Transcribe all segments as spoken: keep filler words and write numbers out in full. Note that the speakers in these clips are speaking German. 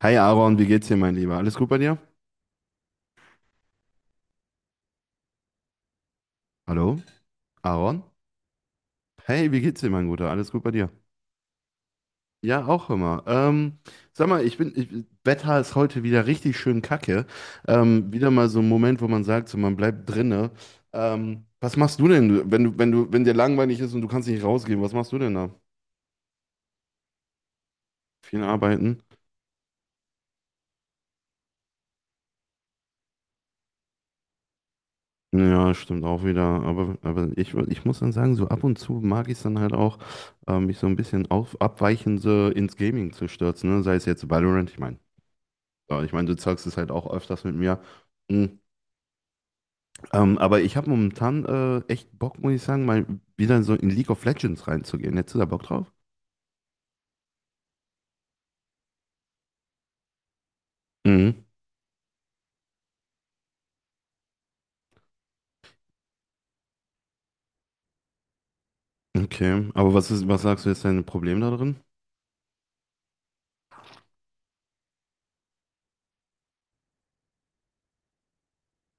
Hey Aaron, wie geht's dir, mein Lieber? Alles gut bei dir? Hallo? Aaron? Hey, wie geht's dir, mein Guter? Alles gut bei dir? Ja, auch immer. Ähm, sag mal, ich bin, ich, Wetter ist heute wieder richtig schön kacke. Ähm, wieder mal so ein Moment, wo man sagt, so, man bleibt drinne. Ähm, was machst du denn, wenn du, wenn du, wenn dir langweilig ist und du kannst nicht rausgehen, was machst du denn da? Viel arbeiten? Ja, stimmt auch wieder. Aber, aber ich, ich muss dann sagen, so ab und zu mag ich es dann halt auch, äh, mich so ein bisschen auf, abweichend so ins Gaming zu stürzen. Ne? Sei es jetzt Valorant, ich meine. Ja, ich meine, du zockst es halt auch öfters mit mir. Mhm. Ähm, aber ich habe momentan äh, echt Bock, muss ich sagen, mal wieder so in League of Legends reinzugehen. Hättest du da Bock drauf? Mhm. Okay. Aber was ist, was sagst du, ist dein Problem da drin?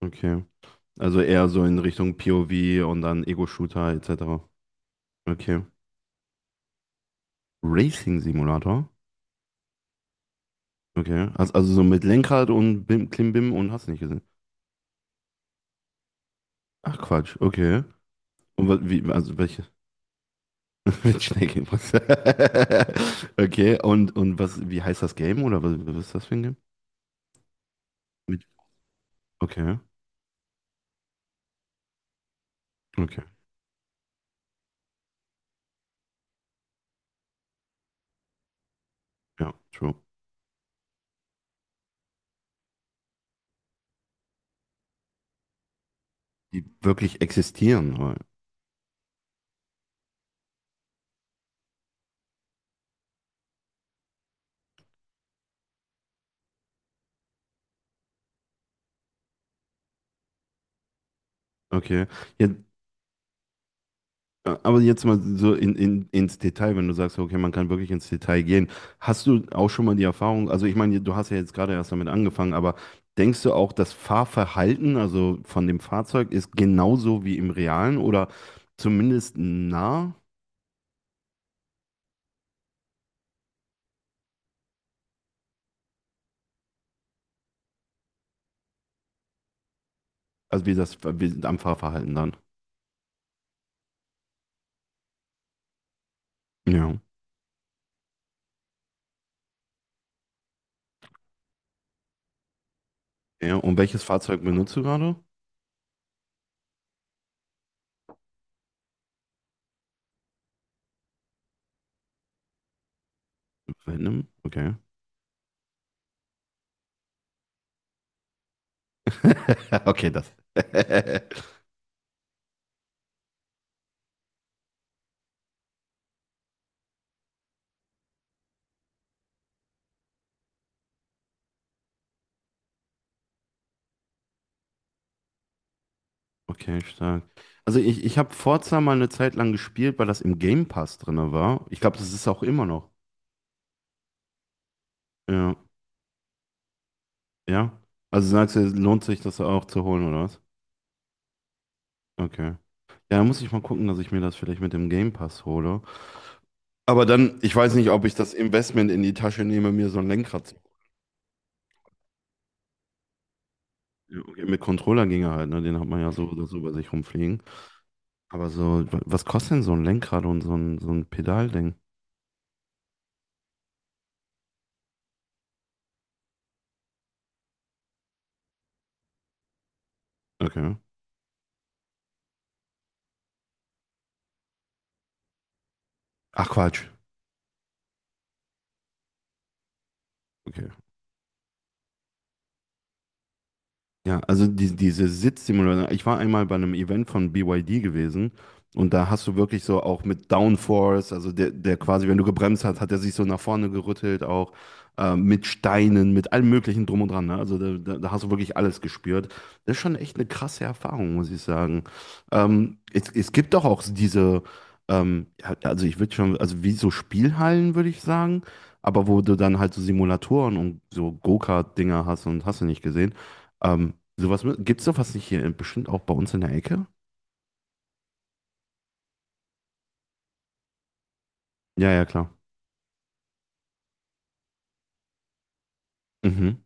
Okay. Also eher so in Richtung P O V und dann Ego-Shooter et cetera. Okay. Racing Simulator? Okay. Also, also so mit Lenkrad und Bim, Klimbim und hast nicht gesehen. Ach Quatsch, okay. Und wa- wie, also welche? Mit was? Okay, und, und was, wie heißt das Game oder was, was ist das für ein Game? Mit, okay, okay, ja, true. Die wirklich existieren, aber- Okay. Ja, aber jetzt mal so in, in, ins Detail, wenn du sagst, okay, man kann wirklich ins Detail gehen. Hast du auch schon mal die Erfahrung, also ich meine, du hast ja jetzt gerade erst damit angefangen, aber denkst du auch, das Fahrverhalten, also von dem Fahrzeug, ist genauso wie im Realen oder zumindest nah, also wie das wie am Fahrverhalten dann? Ja. Ja, und welches Fahrzeug benutzt du gerade? Venom? Okay. Okay, das. Okay, stark. Also ich, ich habe Forza mal eine Zeit lang gespielt, weil das im Game Pass drin war. Ich glaube, das ist auch immer noch. Ja, ja. Also sagst du, lohnt sich das auch zu holen, oder was? Okay. Ja, da muss ich mal gucken, dass ich mir das vielleicht mit dem Game Pass hole. Aber dann, ich weiß nicht, ob ich das Investment in die Tasche nehme, mir so ein Lenkrad zu. Ja, okay, mit Controller ginge halt, ne? Den hat man ja so oder so bei sich rumfliegen. Aber so, wa- was kostet denn so ein Lenkrad und so ein, so ein Pedalding? Okay. Ach Quatsch. Okay. Ja, also die, diese Sitzsimulation. Ich war einmal bei einem Event von B Y D gewesen und da hast du wirklich so auch mit Downforce, also der, der quasi, wenn du gebremst hast, hat er sich so nach vorne gerüttelt, auch äh, mit Steinen, mit allem Möglichen drum und dran. Ne? Also da, da, da hast du wirklich alles gespürt. Das ist schon echt eine krasse Erfahrung, muss ich sagen. Ähm, es, es gibt doch auch diese, ähm, ja, also ich würde schon, also wie so Spielhallen, würde ich sagen. Aber wo du dann halt so Simulatoren und so Go-Kart-Dinger hast und hast du nicht gesehen. Ähm, sowas gibt es doch was nicht hier, bestimmt auch bei uns in der Ecke? Ja, ja, klar. Mhm.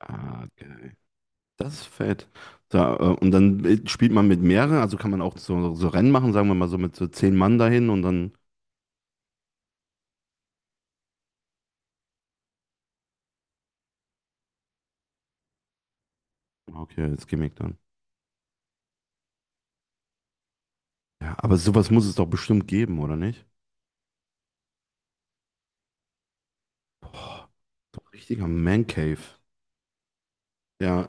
Ah, geil. Das ist fett. So, äh, und dann äh, spielt man mit mehreren, also kann man auch so, so Rennen machen, sagen wir mal so mit so zehn Mann dahin und dann. Ah, okay, jetzt geh ich dann. Ja, aber sowas muss es doch bestimmt geben, oder nicht? Richtiger Man Cave. Ja,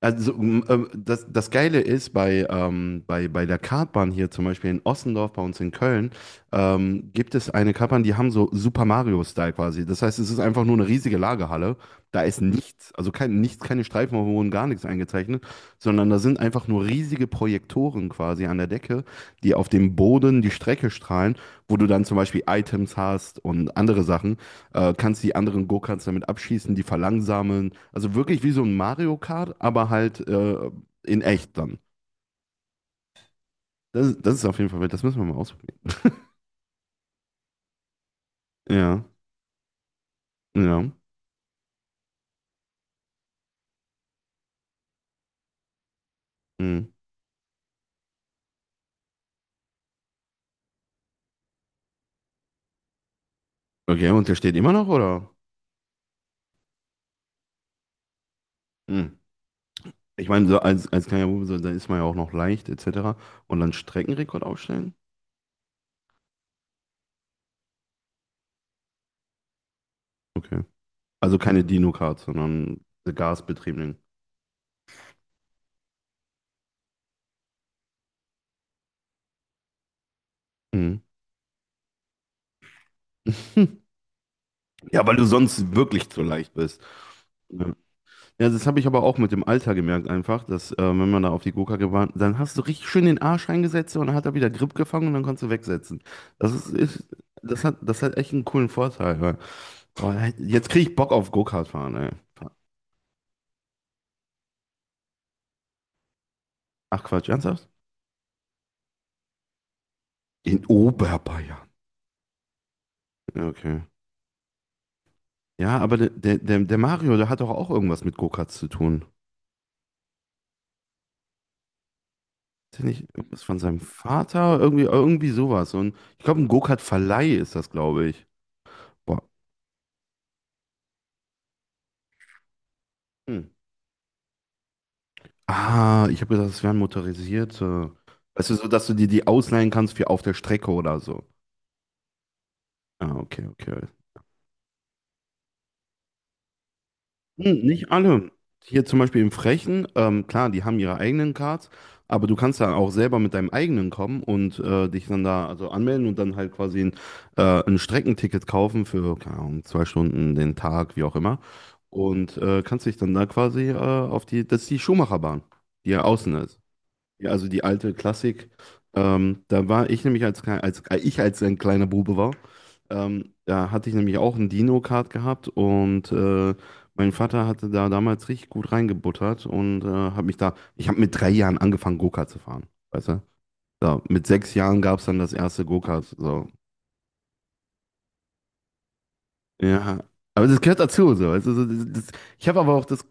also, m- ähm, das, das Geile ist bei, ähm, bei, bei der Kartbahn hier zum Beispiel in Ossendorf bei uns in Köln, ähm, gibt es eine Kartbahn, die haben so Super Mario-Style quasi. Das heißt, es ist einfach nur eine riesige Lagerhalle. Da ist nichts, also kein, nichts, keine Streifen auf gar nichts eingezeichnet, sondern da sind einfach nur riesige Projektoren quasi an der Decke, die auf dem Boden die Strecke strahlen, wo du dann zum Beispiel Items hast und andere Sachen äh, kannst die anderen Go-Karts damit abschießen, die verlangsamen. Also wirklich wie so ein Mario Kart, aber halt äh, in echt dann. Das, das ist auf jeden Fall, das müssen wir mal ausprobieren. Ja, ja. Mhm. Okay, und der steht immer noch, oder? Mhm. Ich meine, so als, als kleiner Bube, so, da ist man ja auch noch leicht, et cetera. Und dann Streckenrekord aufstellen? Okay. Also keine Dino-Kart, sondern gasbetriebenen. Mhm. Ja, weil du sonst wirklich zu leicht bist. Ja. Ja, das habe ich aber auch mit dem Alter gemerkt einfach, dass äh, wenn man da auf die Gurkacke war, dann hast du richtig schön den Arsch eingesetzt und dann hat er wieder Grip gefangen und dann konntest du wegsetzen. Das ist, ist das hat, das hat echt einen coolen Vorteil. Weil, oh, jetzt kriege ich Bock auf Go-Kart fahren, ey. Ach Quatsch, ernsthaft? In Oberbayern. Ja, okay. Ja, aber der, der, der der Mario, der hat doch auch irgendwas mit Go-Karts zu tun. Ist der nicht irgendwas von seinem Vater? Irgendwie, irgendwie sowas. Und ich glaube, ein Go-Kart-Verleih ist das, glaube ich. Boah. Hm. Ah, ich habe gedacht, es wären motorisierte. Weißt du, so dass du dir die ausleihen kannst für auf der Strecke oder so. Ah, okay, okay. Hm, nicht alle. Hier zum Beispiel im Frechen, ähm, klar, die haben ihre eigenen Cards, aber du kannst dann auch selber mit deinem eigenen kommen und äh, dich dann da also anmelden und dann halt quasi ein, äh, ein Streckenticket kaufen für, keine Ahnung, zwei Stunden, den Tag, wie auch immer. Und äh, kannst dich dann da quasi äh, auf die, das ist die Schumacherbahn, die ja außen ist. Ja, also die alte Klassik. Ähm, da war ich nämlich als, klei- als äh, ich als ein kleiner Bube war, ähm, da hatte ich nämlich auch ein Dino-Kart gehabt und äh, mein Vater hatte da damals richtig gut reingebuttert und äh, hat mich da, ich habe mit drei Jahren angefangen, Go-Kart zu fahren, weißt du? So, mit sechs Jahren gab es dann das erste Go-Kart, so. Ja, aber das gehört dazu, so. Also, so, das, das, ich habe aber auch das.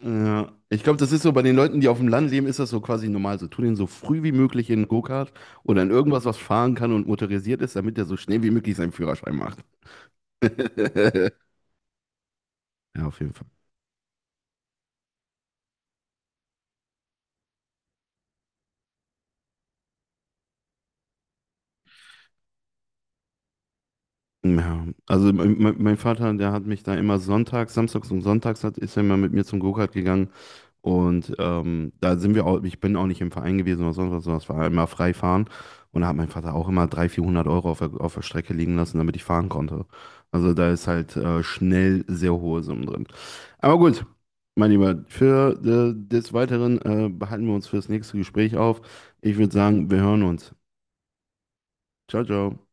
Ja, ich glaube, das ist so bei den Leuten, die auf dem Land leben, ist das so quasi normal. So, tu den so früh wie möglich in einen Go-Kart oder in irgendwas, was fahren kann und motorisiert ist, damit der so schnell wie möglich seinen Führerschein macht. Ja, auf jeden Fall. Ja, also mein, mein mein Vater, der hat mich da immer sonntags, samstags und sonntags hat, ist er immer mit mir zum Go-Kart gegangen. Und ähm, da sind wir auch, ich bin auch nicht im Verein gewesen oder sonst was, sondern es war immer frei fahren. Und da hat mein Vater auch immer dreihundert, vierhundert Euro auf der, auf der Strecke liegen lassen, damit ich fahren konnte. Also da ist halt äh, schnell sehr hohe Summen drin. Aber gut, mein Lieber, für äh, des Weiteren äh, behalten wir uns für das nächste Gespräch auf. Ich würde sagen, wir hören uns. Ciao, ciao.